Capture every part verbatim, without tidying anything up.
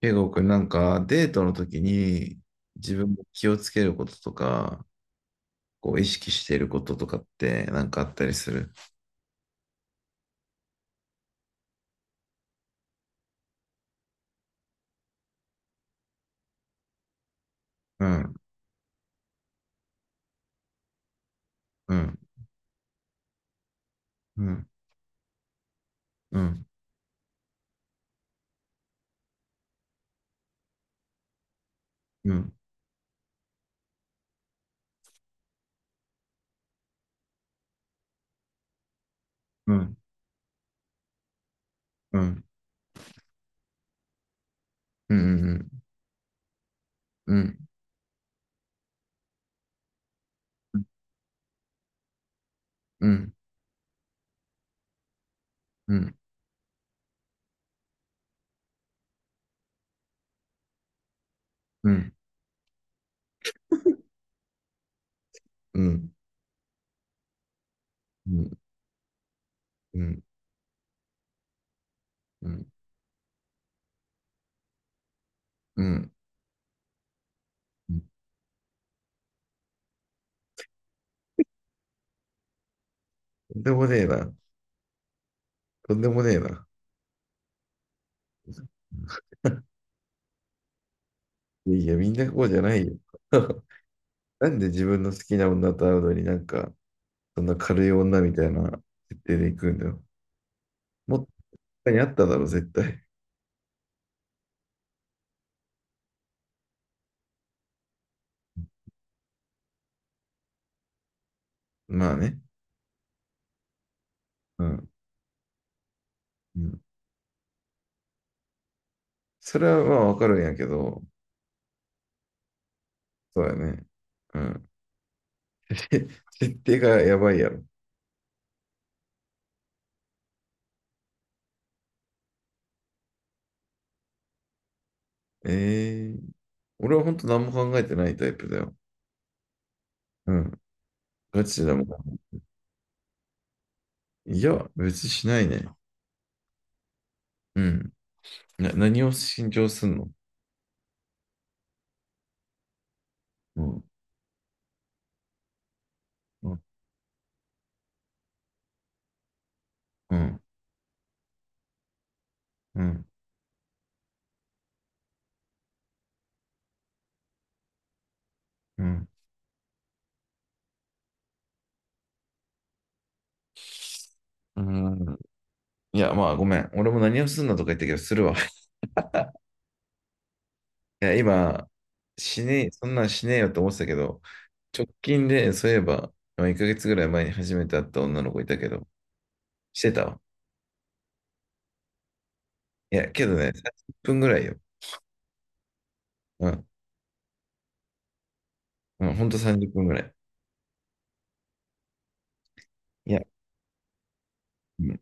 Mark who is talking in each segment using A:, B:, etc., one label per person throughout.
A: ケイゴくんなんかデートの時に自分も気をつけることとか、こう意識していることとかってなんかあったりする？うん、うん、うん、うん、うん、うん、うん、うん、うん、うん、うん、うん、うん、うん、うん、うん、うん。とんでもねえな。とんでもねえな。いやいや、みんなこうじゃないよ。なんで自分の好きな女と会うのになんか、そんな軽い女みたいな設定で行くんだよ。もっと他にあっただろ、絶対。まあね。うん。うん。それはまあわかるんやけど、そうやね。うん。て 設定がやばいやろ。ええ。俺は本当何も考えてないタイプだよ。うん。ガチだもいや、別にしないね。うん。な、何を信条すんの？うん。うん。うん。うん。うん。うん。いや、まあごめん。俺も何をすんのとか言ったけど、するわ。いや、今、しねえ、そんなんしねえよと思ってたけど、直近で、そういえば、まあいっかげつぐらい前に初めて会った女の子いたけど、してたわ。いや、けどね、さんじゅっぷんぐらいよ。うん。うん、ほんとさんじゅっぷんぐらい。いや、うん、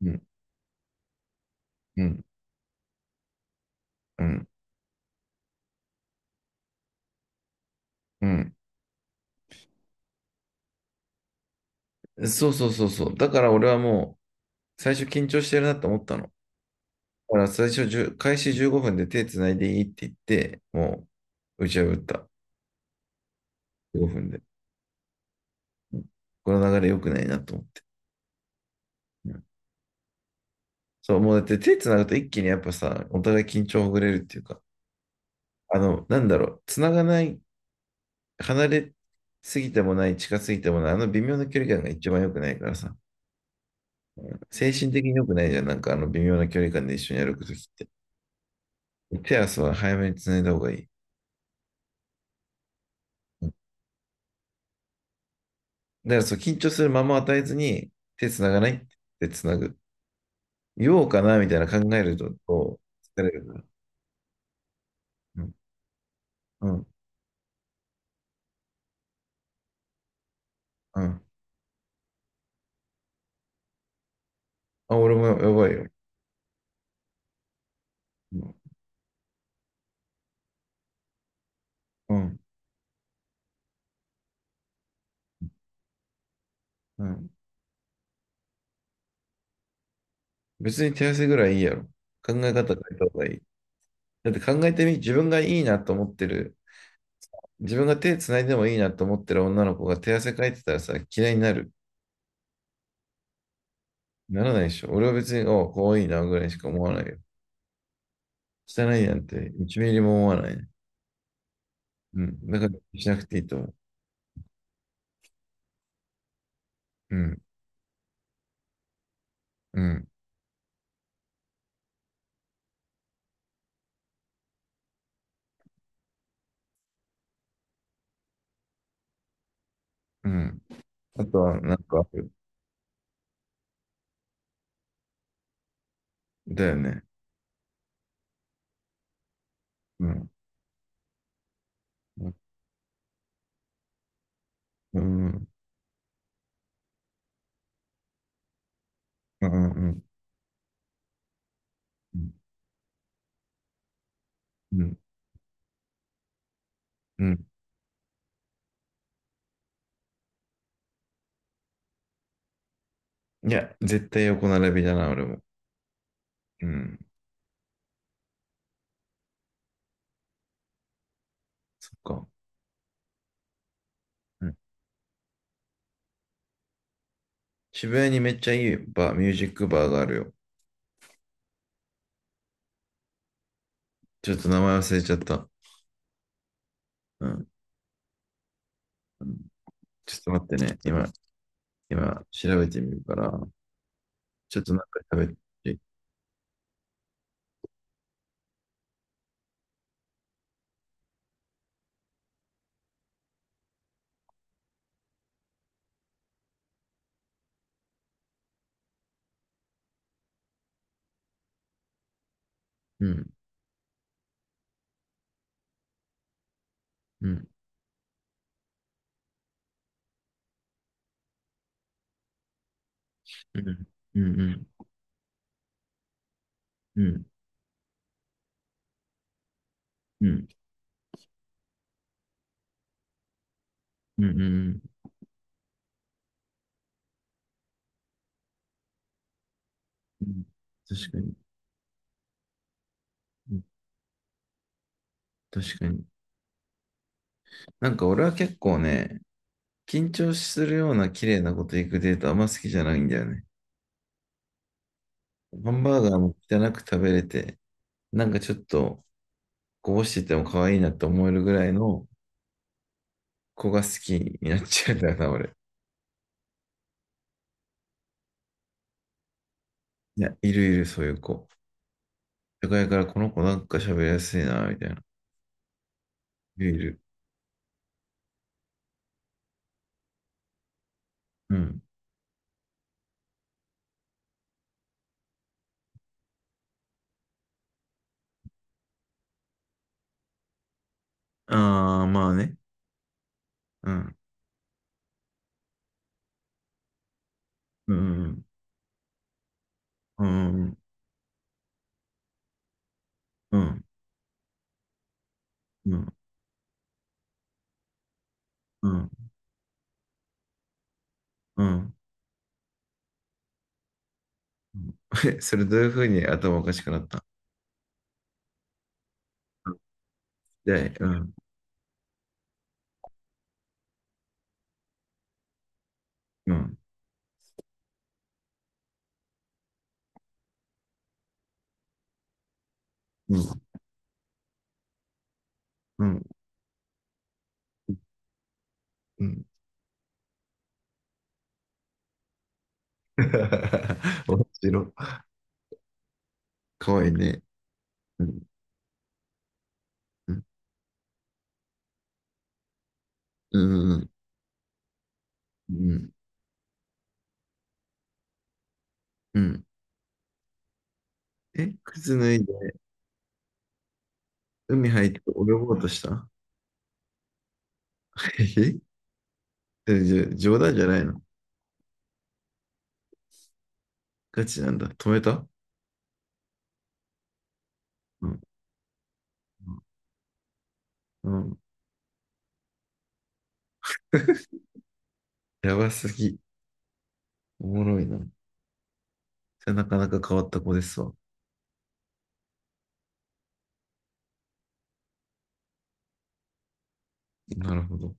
A: うん、うん、うん、うん。そうそうそうそう。だから俺はもう、最初緊張してるなと思ったの。だから最初じゅう、開始じゅうごふんで手つないでいいって言って、もう、打ち破った。じゅうごふんで。うん。この流れ良くないなと思って。うん。そう、もうだって手つなぐと一気にやっぱさ、お互い緊張ほぐれるっていうか、あの、なんだろう、つながない、離れすぎてもない、近すぎてもない、あの微妙な距離感が一番良くないからさ、精神的に良くないじゃん、なんかあの微妙な距離感で一緒に歩くときって。手足は早めにつないだ方がいい。うん。だからそう、緊張するまま与えずに、手つながないってつなぐ。言おうかな、みたいな考えると、疲れるから。うん、うん、うん。あ、俺もやばいよ。うん、うん、うん。別に手汗ぐらいいいやろ。考え方変えた方がいい。だって考えてみ、自分がいいなと思ってる、自分が手つないでもいいなと思ってる女の子が手汗かいてたらさ、嫌いになる。ならないでしょ。俺は別に、おう、かわいいなぐらいしか思わないよ。汚いなんていちミリも思わないね。うん。だからしなくていいと思う。うん、うん、うん。あとは、なんかある？だよね。うん。うん、うん、うん、うん、うん。うん。うん。いや、絶対横並びだな、俺も。うん。そっか。うん。渋谷にめっちゃいいバー、ミュージックバーがあるよ。ちょっと名前忘れちゃった。うん。うん。ちょっと待ってね。今、今、調べてみるから、ちょっとなんか喋って。うん、うん、うん、うん、うん、うん、うん、うん、うん、うん。うん。確かに、うん。確かに。なんか俺は結構ね、緊張するような綺麗なこと行くデートあんま好きじゃないんだよね。ハンバーガーも汚く食べれて、なんかちょっとこぼしてても可愛いなって思えるぐらいの子が好きになっちゃうんだよな、俺。いや、いるいる、そういう子。社会からこの子なんか喋りやすいな、みたいな。いるいる。うん。ああ、まあね。うん。うん。うん。うん。うん。うん。うん。うん。え、それどういうふうに頭おかしくなった？で、うん。うん。うん。うん。うん。面白い。かわいいね。うん。うん。うん。うん。うん。え、靴脱いで海入って泳ごうとした？ えじゃ、冗談じゃないの？ガチなんだ。止めた？うん。うん。うん。 やばすぎ。おもろいな。それなかなか変わった子ですわ。なるほど。